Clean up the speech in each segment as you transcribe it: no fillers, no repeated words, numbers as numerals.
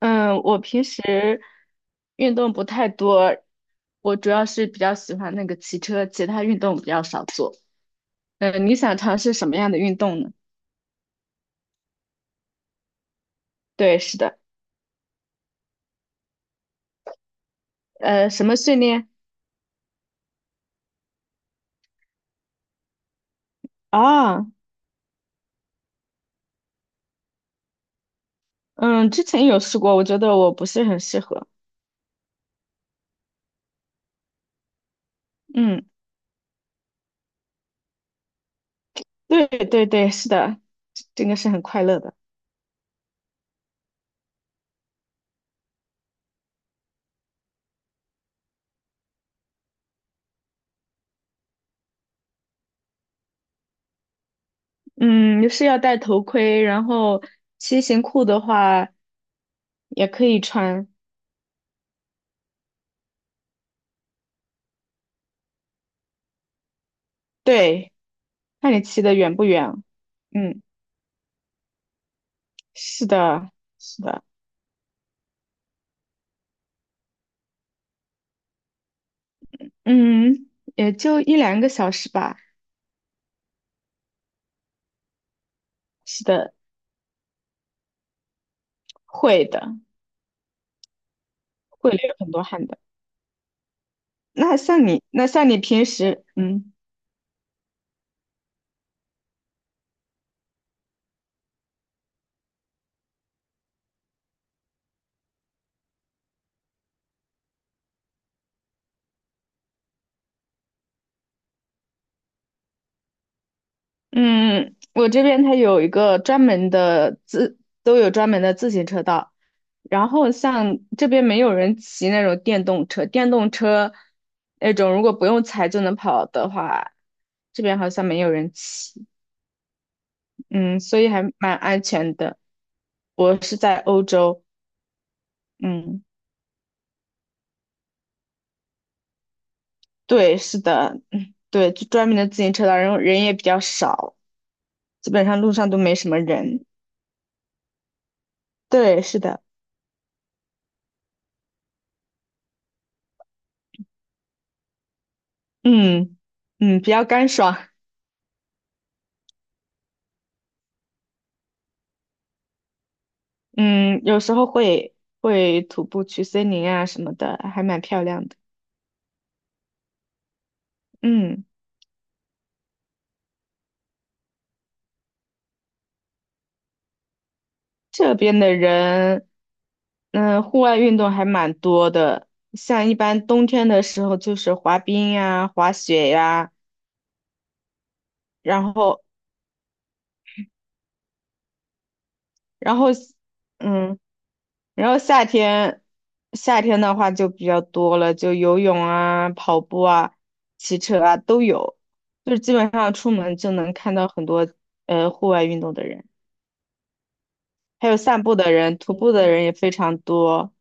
嗯，我平时运动不太多，我主要是比较喜欢那个骑车，其他运动比较少做。你想尝试什么样的运动呢？对，是的。呃，什么训练啊？嗯，之前有试过，我觉得我不是很适合。嗯，对对对，是的，这个是很快乐的。嗯，是要戴头盔，然后骑行裤的话也可以穿。对，看你骑的远不远。嗯，是的，是的。嗯，也就一两个小时吧。是的，会的，会流很多汗的。那像你平时，嗯，我这边它有一个专门的自，都有专门的自行车道。然后像这边没有人骑那种电动车那种如果不用踩就能跑的话，这边好像没有人骑。嗯，所以还蛮安全的。我是在欧洲。嗯。对，是的，嗯，对，就专门的自行车道，然后人也比较少，基本上路上都没什么人。对，是的，嗯比较干爽。嗯，有时候会徒步去森林啊什么的，还蛮漂亮的。嗯，这边的人，嗯，户外运动还蛮多的，像一般冬天的时候就是滑冰呀、滑雪呀、然后然后，嗯。然后夏天，夏天的话就比较多了，就游泳啊、跑步啊、骑车啊都有，就是基本上出门就能看到很多户外运动的人，还有散步的人、徒步的人也非常多。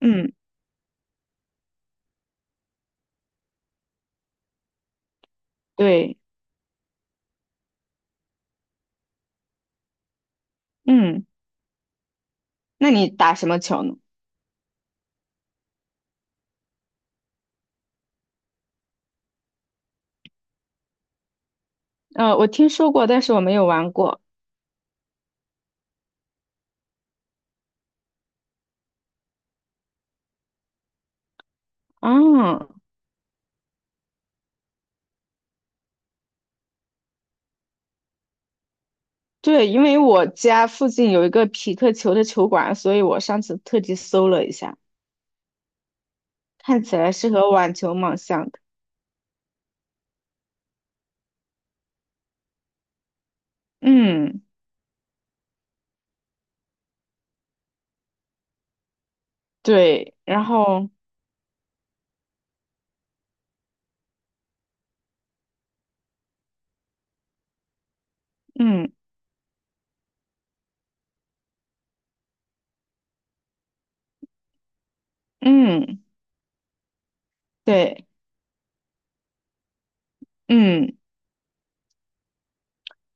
嗯，对，嗯，那你打什么球呢？呃，我听说过，但是我没有玩过。啊，对，因为我家附近有一个匹克球的球馆，所以我上次特地搜了一下，看起来是和网球蛮像的。嗯。对，然后嗯嗯，对，嗯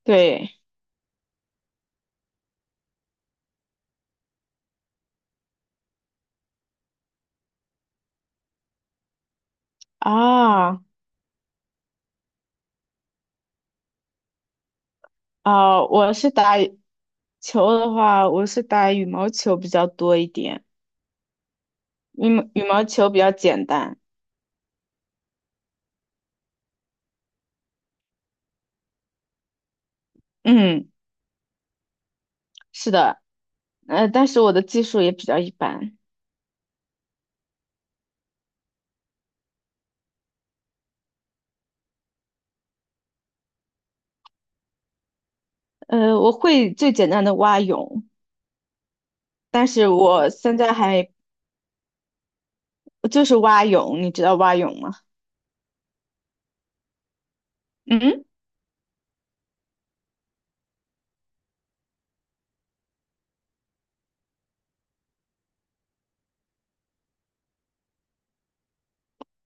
对啊啊，我是打羽球的话，我是打羽毛球比较多一点。羽毛球比较简单。嗯，是的，呃，但是我的技术也比较一般。呃，我会最简单的蛙泳，但是我现在还就是蛙泳，你知道蛙泳吗？嗯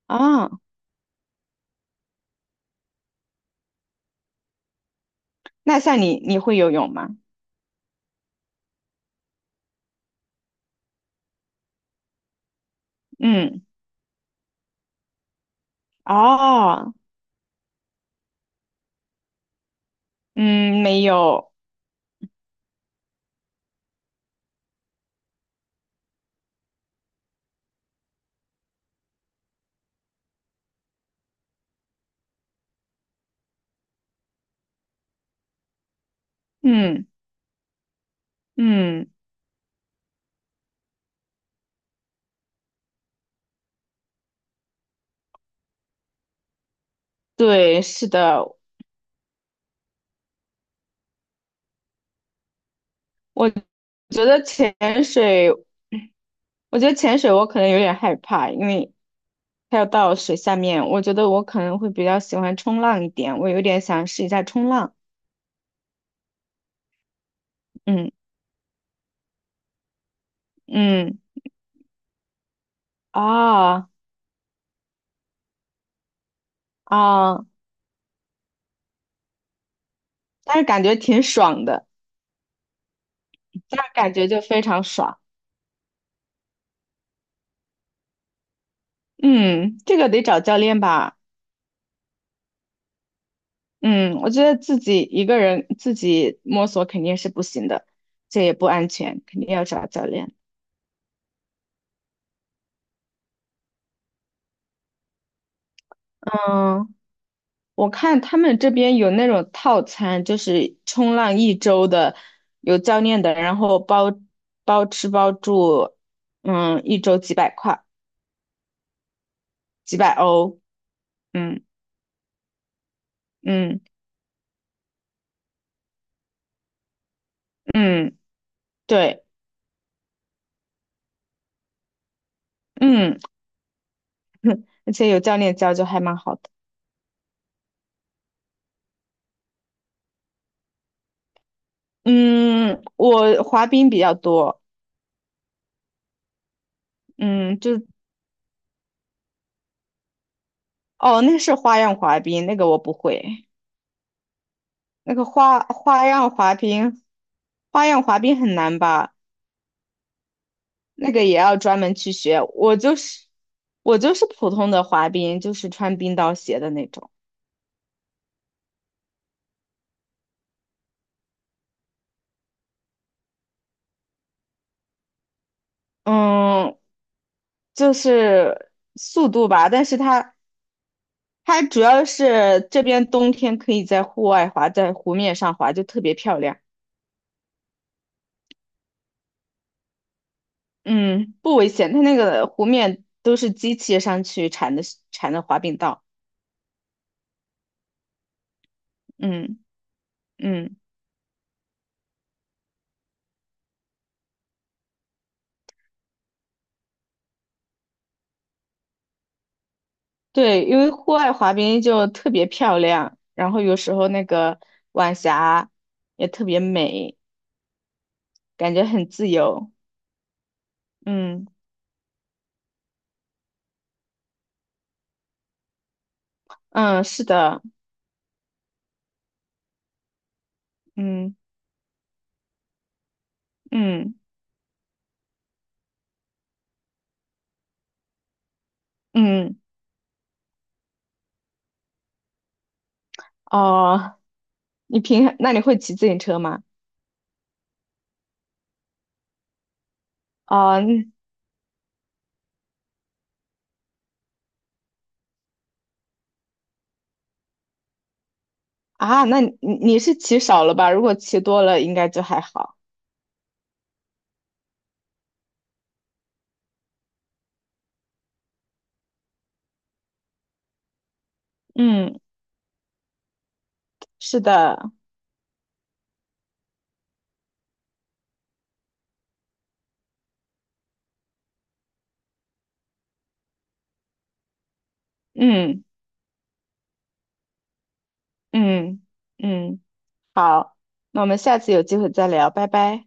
啊，那你会游泳吗？嗯哦。嗯，没有。嗯。嗯，对，是的，我觉得潜水，我觉得潜水我可能有点害怕，因为它要到水下面，我觉得我可能会比较喜欢冲浪一点，我有点想试一下冲浪。嗯嗯，啊啊，但是感觉挺爽的，但是感觉就非常爽。嗯，这个得找教练吧。嗯，我觉得自己一个人自己摸索肯定是不行的，这也不安全，肯定要找教练。嗯。我看他们这边有那种套餐，就是冲浪一周的，有教练的，然后包吃包住。嗯，一周几百块，几百欧。嗯嗯嗯，对，嗯，而且有教练教就还蛮好的。嗯，我滑冰比较多。嗯，就哦，那是花样滑冰，那个我不会。那个花样滑冰，花样滑冰很难吧？那个也要专门去学。我就是普通的滑冰，就是穿冰刀鞋的那种。嗯，就是速度吧，但是它主要是这边冬天可以在户外滑，在湖面上滑就特别漂亮。嗯，不危险，它那个湖面都是机器上去铲的滑冰道。嗯嗯，对，因为户外滑冰就特别漂亮，然后有时候那个晚霞也特别美。感觉很自由。嗯嗯，是的，嗯嗯嗯，哦，那你会骑自行车吗？哦，嗯啊，那你你是骑少了吧？如果骑多了，应该就还好。嗯，是的，嗯嗯嗯，好，那我们下次有机会再聊，拜拜。